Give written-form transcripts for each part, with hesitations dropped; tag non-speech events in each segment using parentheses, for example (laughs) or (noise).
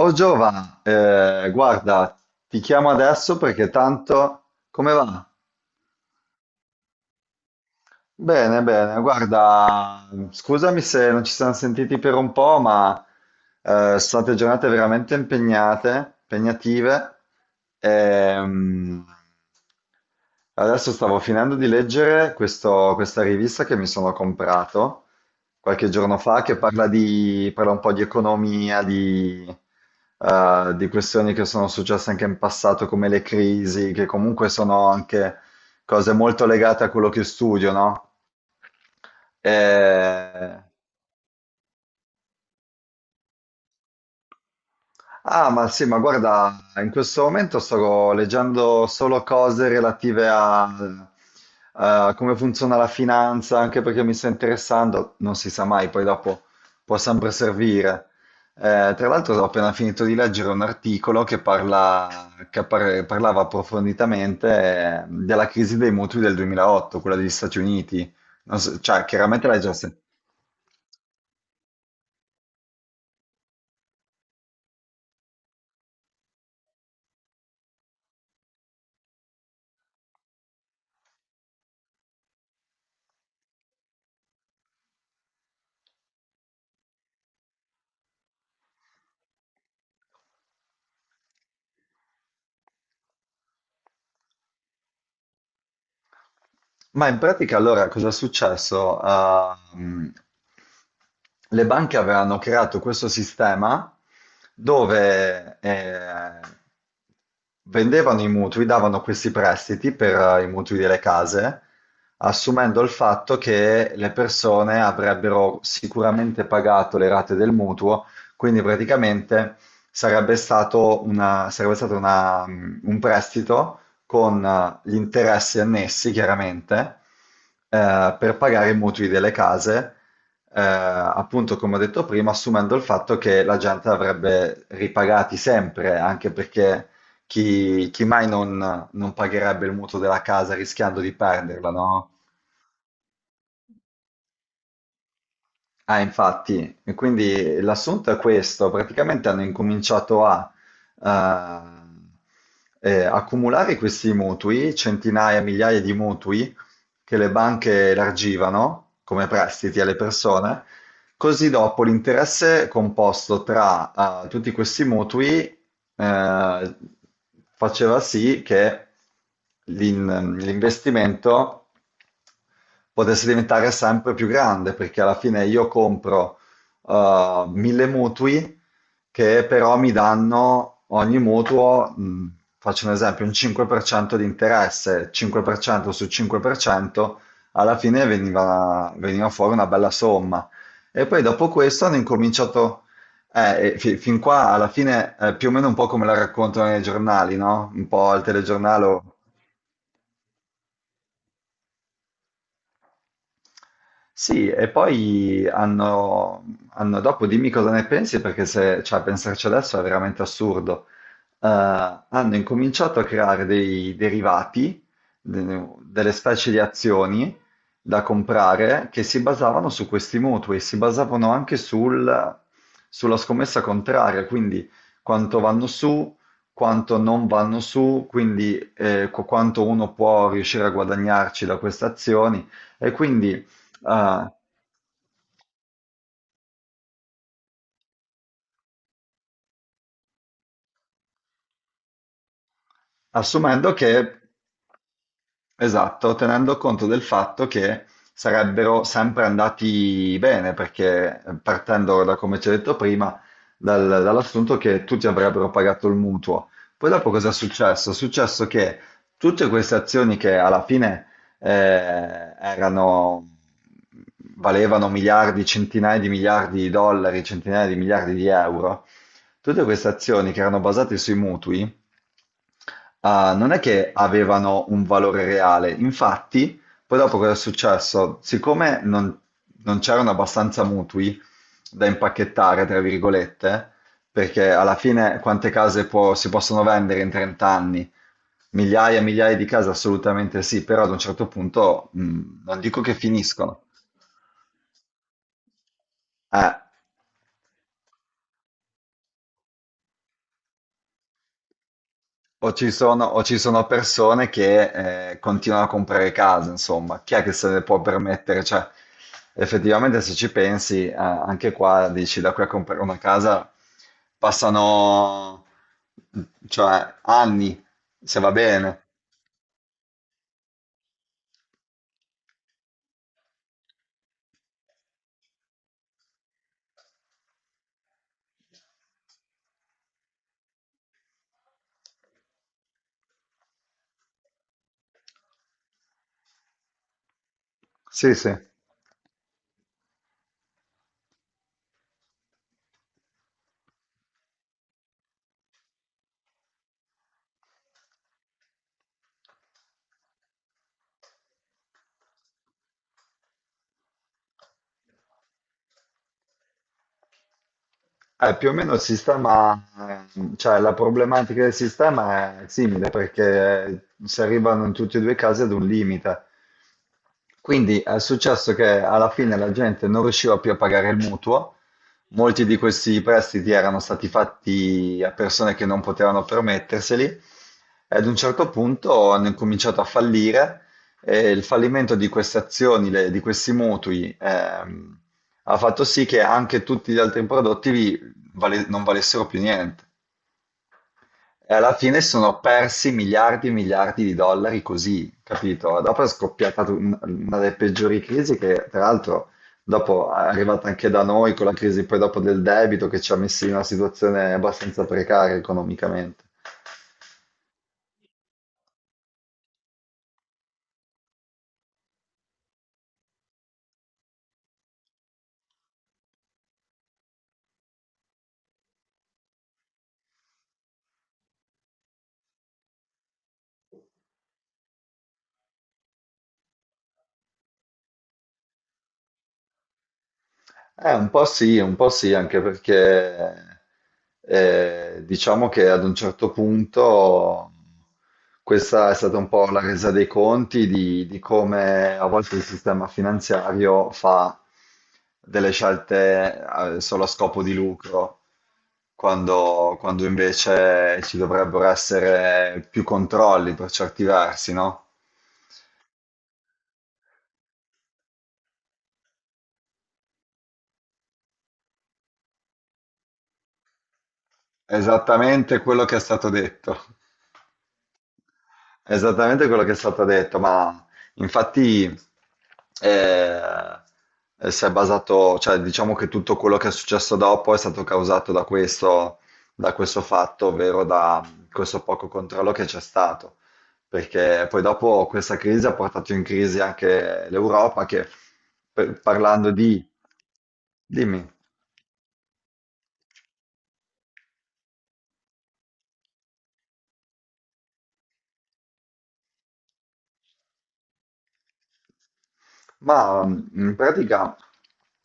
Oh Giova, guarda, ti chiamo adesso perché tanto. Come va? Bene, bene, guarda, scusami se non ci siamo sentiti per un po', ma sono state giornate veramente impegnative. Ehm, Adesso stavo finendo di leggere questa rivista che mi sono comprato qualche giorno fa, che parla un po' di economia, di questioni che sono successe anche in passato, come le crisi, che comunque sono anche cose molto legate a quello che studio, no? E- Ah, ma sì, ma guarda, in questo momento sto leggendo solo cose relative a come funziona la finanza, anche perché mi sta interessando, non si sa mai, poi dopo può sempre servire. Tra l'altro ho appena finito di leggere un articolo che parlava approfonditamente della crisi dei mutui del 2008, quella degli Stati Uniti. Non so- cioè, chiaramente l'hai già sentito. Ma in pratica allora cosa è successo? Ah, le banche avevano creato questo sistema dove vendevano i mutui, davano questi prestiti per i mutui delle case, assumendo il fatto che le persone avrebbero sicuramente pagato le rate del mutuo, quindi praticamente sarebbe stato un prestito con gli interessi annessi, chiaramente, per pagare i mutui delle case, appunto come ho detto prima, assumendo il fatto che la gente avrebbe ripagati sempre, anche perché chi mai non pagherebbe il mutuo della casa rischiando di perderla, no? Ah, infatti, e quindi l'assunto è questo, praticamente hanno incominciato a accumulare questi mutui, centinaia, migliaia di mutui che le banche elargivano come prestiti alle persone, così dopo l'interesse composto tra tutti questi mutui eh, faceva sì che l'investimento potesse diventare sempre più grande, perché alla fine io compro 1000 mutui che però mi danno ogni mutuo, faccio un esempio, un 5% di interesse, 5% su 5%, alla fine veniva fuori una bella somma. E poi dopo questo hanno incominciato, e fin qua alla fine è più o meno un po' come la raccontano nei giornali, no? Un po' al telegiornale. Sì, e poi dopo dimmi cosa ne pensi, perché se, cioè, pensarci adesso è veramente assurdo. Hanno incominciato a creare dei derivati, delle specie di azioni da comprare che si basavano su questi mutui, si basavano anche sulla scommessa contraria, quindi quanto vanno su, quanto non vanno su, quindi quanto uno può riuscire a guadagnarci da queste azioni. E quindi. Ah, assumendo che, esatto, tenendo conto del fatto che sarebbero sempre andati bene, perché partendo da come ci hai detto prima, dall'assunto che tutti avrebbero pagato il mutuo. Poi dopo cosa è successo? È successo che tutte queste azioni che alla fine eh, erano, valevano miliardi, centinaia di miliardi di dollari, centinaia di miliardi di euro, tutte queste azioni che erano basate sui mutui, ah, non è che avevano un valore reale. Infatti, poi dopo cosa è successo? Siccome non c'erano abbastanza mutui da impacchettare, tra virgolette, perché alla fine quante case si possono vendere in 30 anni? Migliaia e migliaia di case, assolutamente sì, però ad un certo punto, non dico che finiscono. Eh. O ci sono persone che continuano a comprare case, insomma, chi è che se le può permettere? Cioè, effettivamente, se ci pensi, anche qua dici da qui a comprare una casa passano, cioè, anni, se va bene. Sì, sì. Più o meno il sistema, cioè la problematica del sistema è simile perché si arrivano in tutti e due i casi ad un limite. Quindi è successo che alla fine la gente non riusciva più a pagare il mutuo, molti di questi prestiti erano stati fatti a persone che non potevano permetterseli e ad un certo punto hanno incominciato a fallire e il fallimento di queste azioni, di questi mutui, ha fatto sì che anche tutti gli altri prodotti non valessero più niente. E alla fine sono persi miliardi e miliardi di dollari così, capito? Dopo è scoppiata una delle peggiori crisi che, tra l'altro, dopo è arrivata anche da noi con la crisi poi dopo del debito che ci ha messi in una situazione abbastanza precaria economicamente. Un po' sì, anche perché diciamo che ad un certo punto questa è stata un po' la resa dei conti di come a volte il sistema finanziario fa delle scelte solo a scopo di lucro, quando invece ci dovrebbero essere più controlli per certi versi, no? Esattamente quello che è stato detto. Esattamente quello che è stato detto, ma infatti eh, si è basato, cioè diciamo che tutto quello che è successo dopo è stato causato da questo fatto, ovvero da questo poco controllo che c'è stato, perché poi dopo questa crisi ha portato in crisi anche l'Europa che, parlando di. Dimmi. Ma in pratica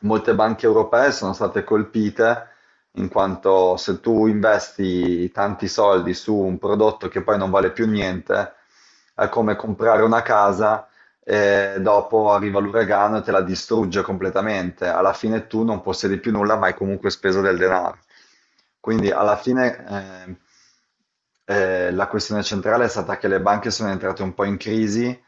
molte banche europee sono state colpite in quanto se tu investi tanti soldi su un prodotto che poi non vale più niente, è come comprare una casa e dopo arriva l'uragano e te la distrugge completamente. Alla fine tu non possiedi più nulla, ma hai comunque speso del denaro. Quindi alla fine la questione centrale è stata che le banche sono entrate un po' in crisi.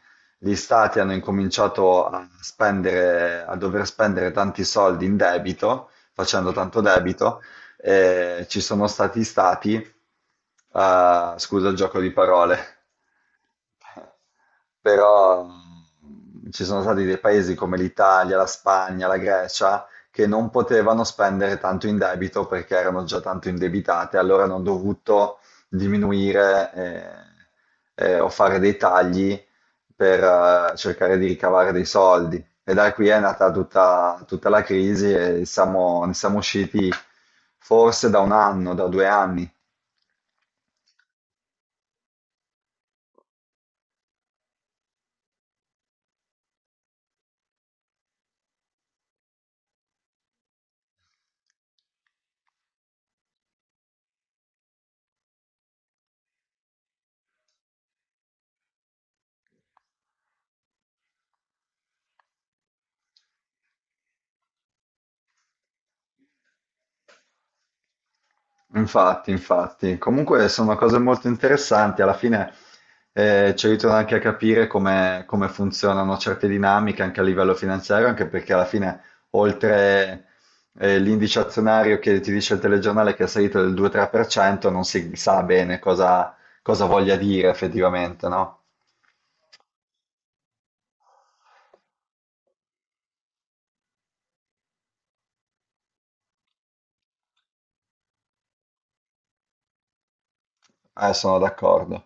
Gli stati hanno incominciato a dover spendere tanti soldi in debito, facendo tanto debito, e ci sono stati stati, scusa il gioco di parole, (laughs) però ci sono stati dei paesi come l'Italia, la Spagna, la Grecia, che non potevano spendere tanto in debito perché erano già tanto indebitate, allora hanno dovuto diminuire o fare dei tagli per cercare di ricavare dei soldi. E da qui è nata tutta la crisi e ne siamo usciti forse da un anno, da 2 anni. Infatti, infatti. Comunque sono cose molto interessanti. Alla fine ci aiutano anche a capire come funzionano certe dinamiche anche a livello finanziario, anche perché alla fine, oltre l'indice azionario che ti dice il telegiornale che è salito del 2-3%, non si sa bene cosa voglia dire effettivamente, no? Sono d'accordo.